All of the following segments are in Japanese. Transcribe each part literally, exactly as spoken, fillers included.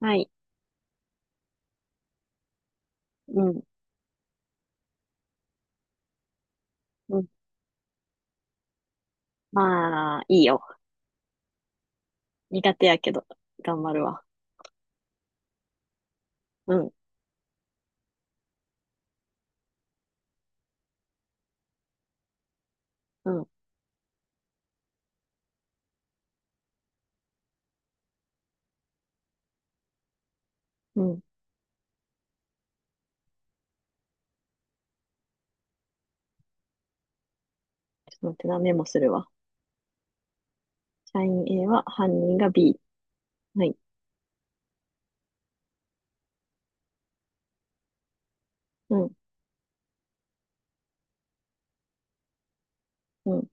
はい。うん。うん。まあ、いいよ。苦手やけど、頑張るわ。うん。うん。うん。ちょっと待って、な、メモするわ。社員 A は犯人が B。はい。うん。うん。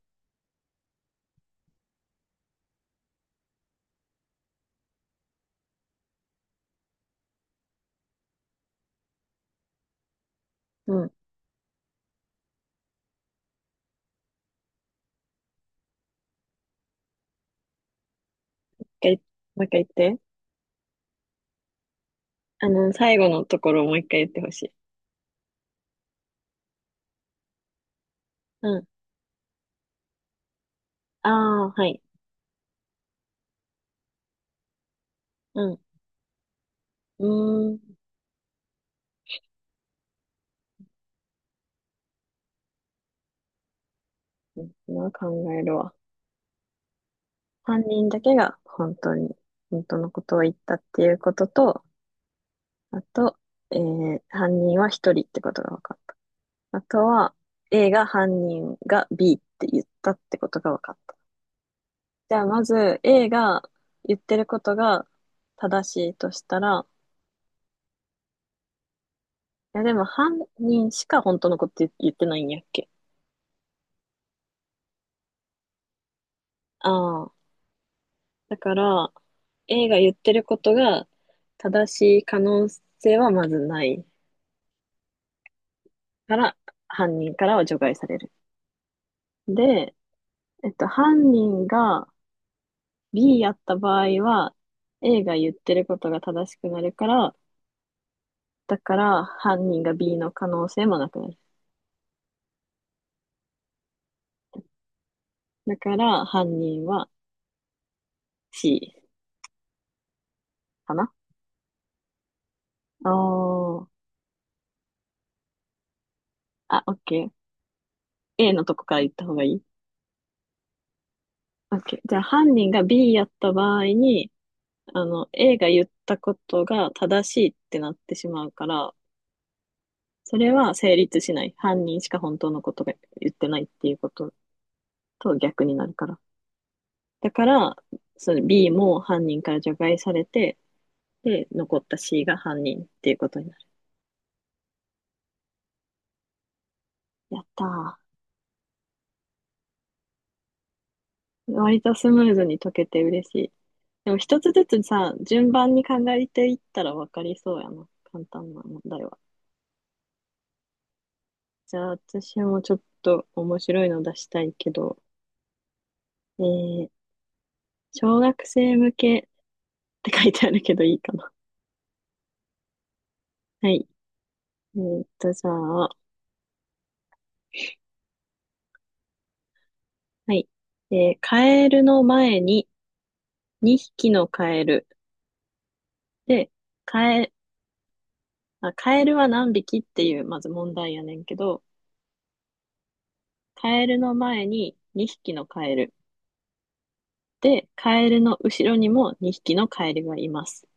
うん。もう一回、もう一回言って。あの、最後のところをもう一回言ってほしい。うん。ああ、はい。うん。うーん。今考えるわ。犯人だけが本当に、本当のことを言ったっていうことと、あと、えー、犯人は一人ってことが分かった。あとは A が犯人が B って言ったってことが分かった。じゃあまず A が言ってることが正しいとしたら、いやでも犯人しか本当のこと言ってないんやっけ。ああ。だから A が言ってることが正しい可能性はまずないから、犯人からは除外される。で、えっと、犯人が B やった場合は、A が言ってることが正しくなるから、だから犯人が B の可能性もなくなる。だから犯人は C かな。おー。あ、OK。A のとこから言った方がいい？ OK。じゃあ犯人が B やった場合に、あの、A が言ったことが正しいってなってしまうから、それは成立しない。犯人しか本当のことが言ってないっていうことと逆になるから。だから、その B も犯人から除外されて、で、残った C が犯人っていうことになる。やったー。割とスムーズに解けて嬉しい。でも一つずつさ、順番に考えていったら分かりそうやな。簡単な問題は。じゃあ私もちょっと面白いの出したいけど、えー、小学生向けって書いてあるけどいいかな。はい。えーっと、じゃあ、はい。えー、カエルの前ににひきのカエル。で、カエ、あ、カエルは何匹っていう、まず問題やねんけど、カエルの前ににひきのカエル。で、カエルの後ろにもにひきのカエルがいます。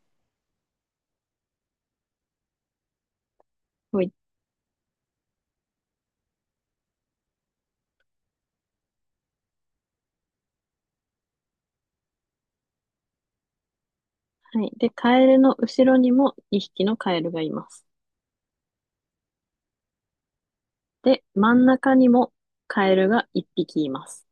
はい。で、カエルの後ろにもにひきのカエルがいます。で、真ん中にもカエルがいっぴきいます。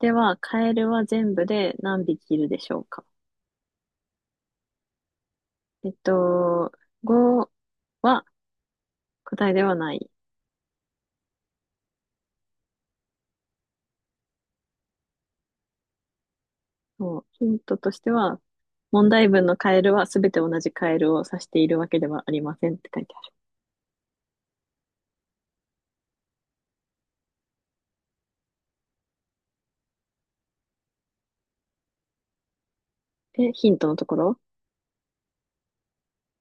では、カエルは全部で何匹いるでしょうか？えっと、ごは答えではない。ヒントとしては、問題文のカエルはすべて同じカエルを指しているわけではありませんって書いてある。で、ヒントのところ、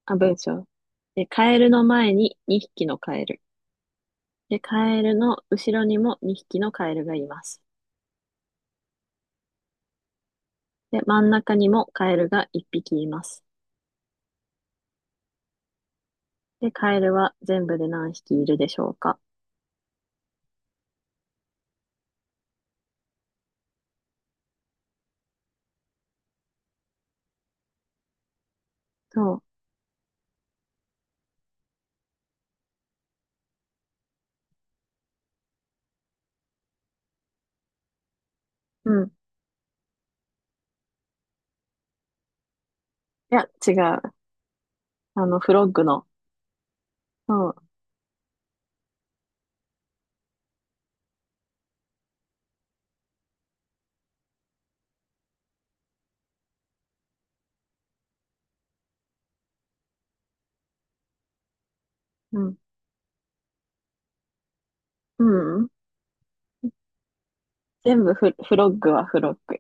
あ、文章。で、カエルの前ににひきのカエル。で、カエルの後ろにもにひきのカエルがいます。で、真ん中にもカエルがいっぴきいます。で、カエルは全部で何匹いるでしょうか？そう。うん。いや、違う。あの、フロッグの。そう。うん。うん。全部フ、フロッグはフロッグ。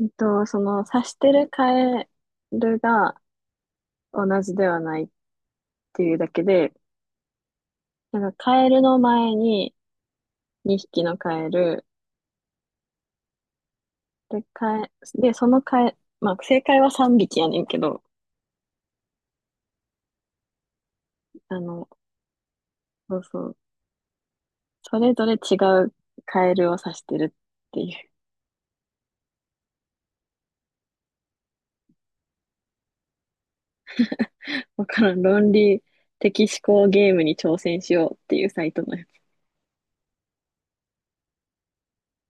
えっと、その、刺してるカエルが同じではないっていうだけで、なんかカエルの前ににひきのカエル、で、カエ、で、そのカエ、まあ、正解はさんびきやねんけど、あの、そうそう。それぞれ違うカエルを指してるっていう。わからん。論理的思考ゲームに挑戦しようっていうサイトのやつ。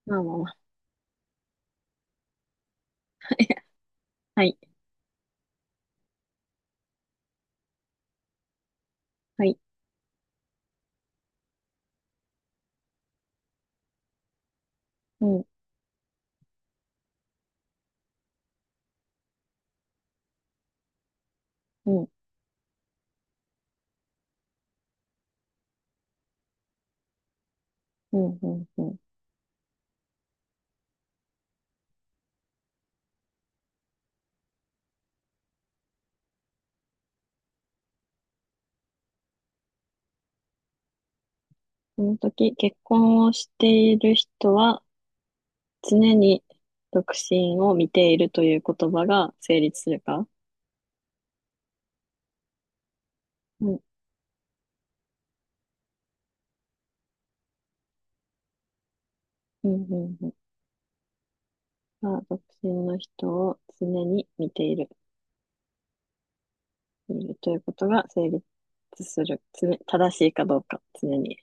まあまあまあ。はい。はい。うん、うん、うん、うん、うん。その時、結婚をしている人は常に独身を見ているという言葉が成立するか？うん、うん、うん、うん。まあ、独身の人を常に見ている、見るということが成立する。常正しいかどうか、常に。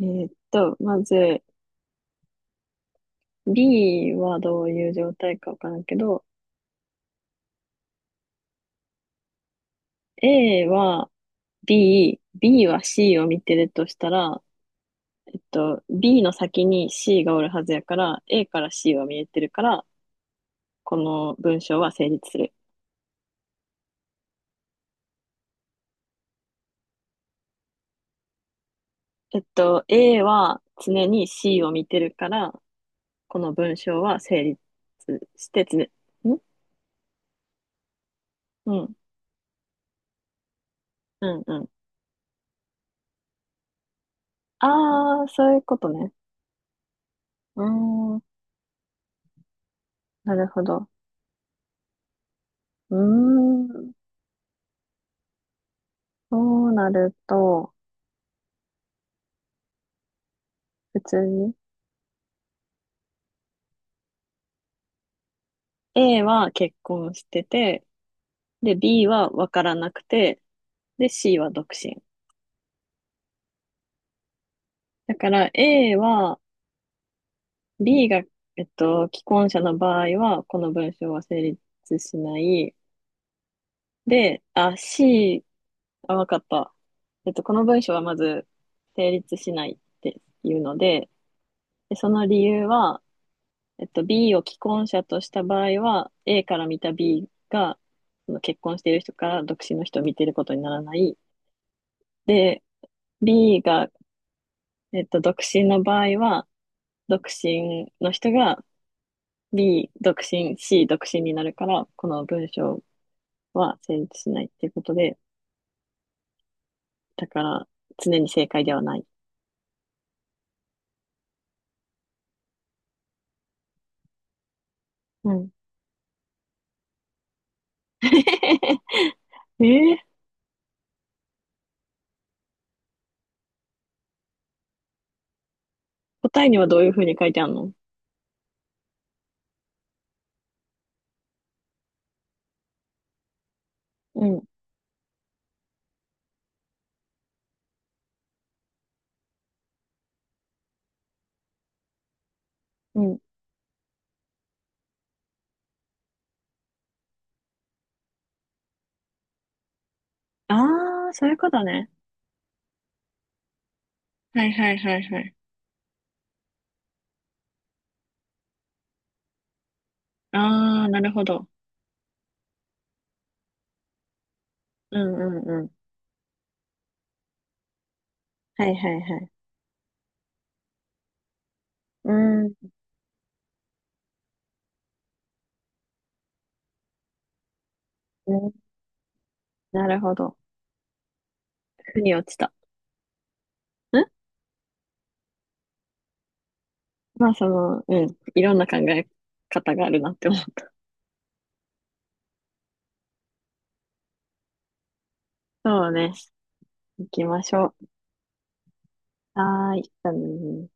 えーっと、まず、B はどういう状態かわからんけど、A は B、B は C を見てるとしたら、えっと、B の先に C がおるはずやから、A から C は見えてるから、この文章は成立する。えっと、A は常に C を見てるから、この文章は成立して常、ん。うん、うん、うん。あー、そういうことね。うーん、なるほど。うーん。そうなると、普通に A は結婚してて、で、B はわからなくて、で、C は独身。だから A は、B が、えっと、既婚者の場合は、この文章は成立しない。で、あ、C、あ、わかった。えっと、この文章はまず成立しないっていうので、で、その理由は、えっと、B を既婚者とした場合は、A から見た B が、その結婚している人から独身の人を見ていることにならない。で、B が、えっと、独身の場合は、独身の人が B 独身、C 独身になるから、この文章は成立しないっていうことで、だから常に正解ではない。うん。えー、答えにはどういうふうに書いてあるの？うん、うん。あー、そういうことね。はいはいはいはい。ああ、なるほど。うんうんうん。はいはいはい。うーん、うん、なるほど。腑に落ちた。ん、まあその、うん。いろんな考え方があるなって思った。そうね。行きましょう。はーい。うん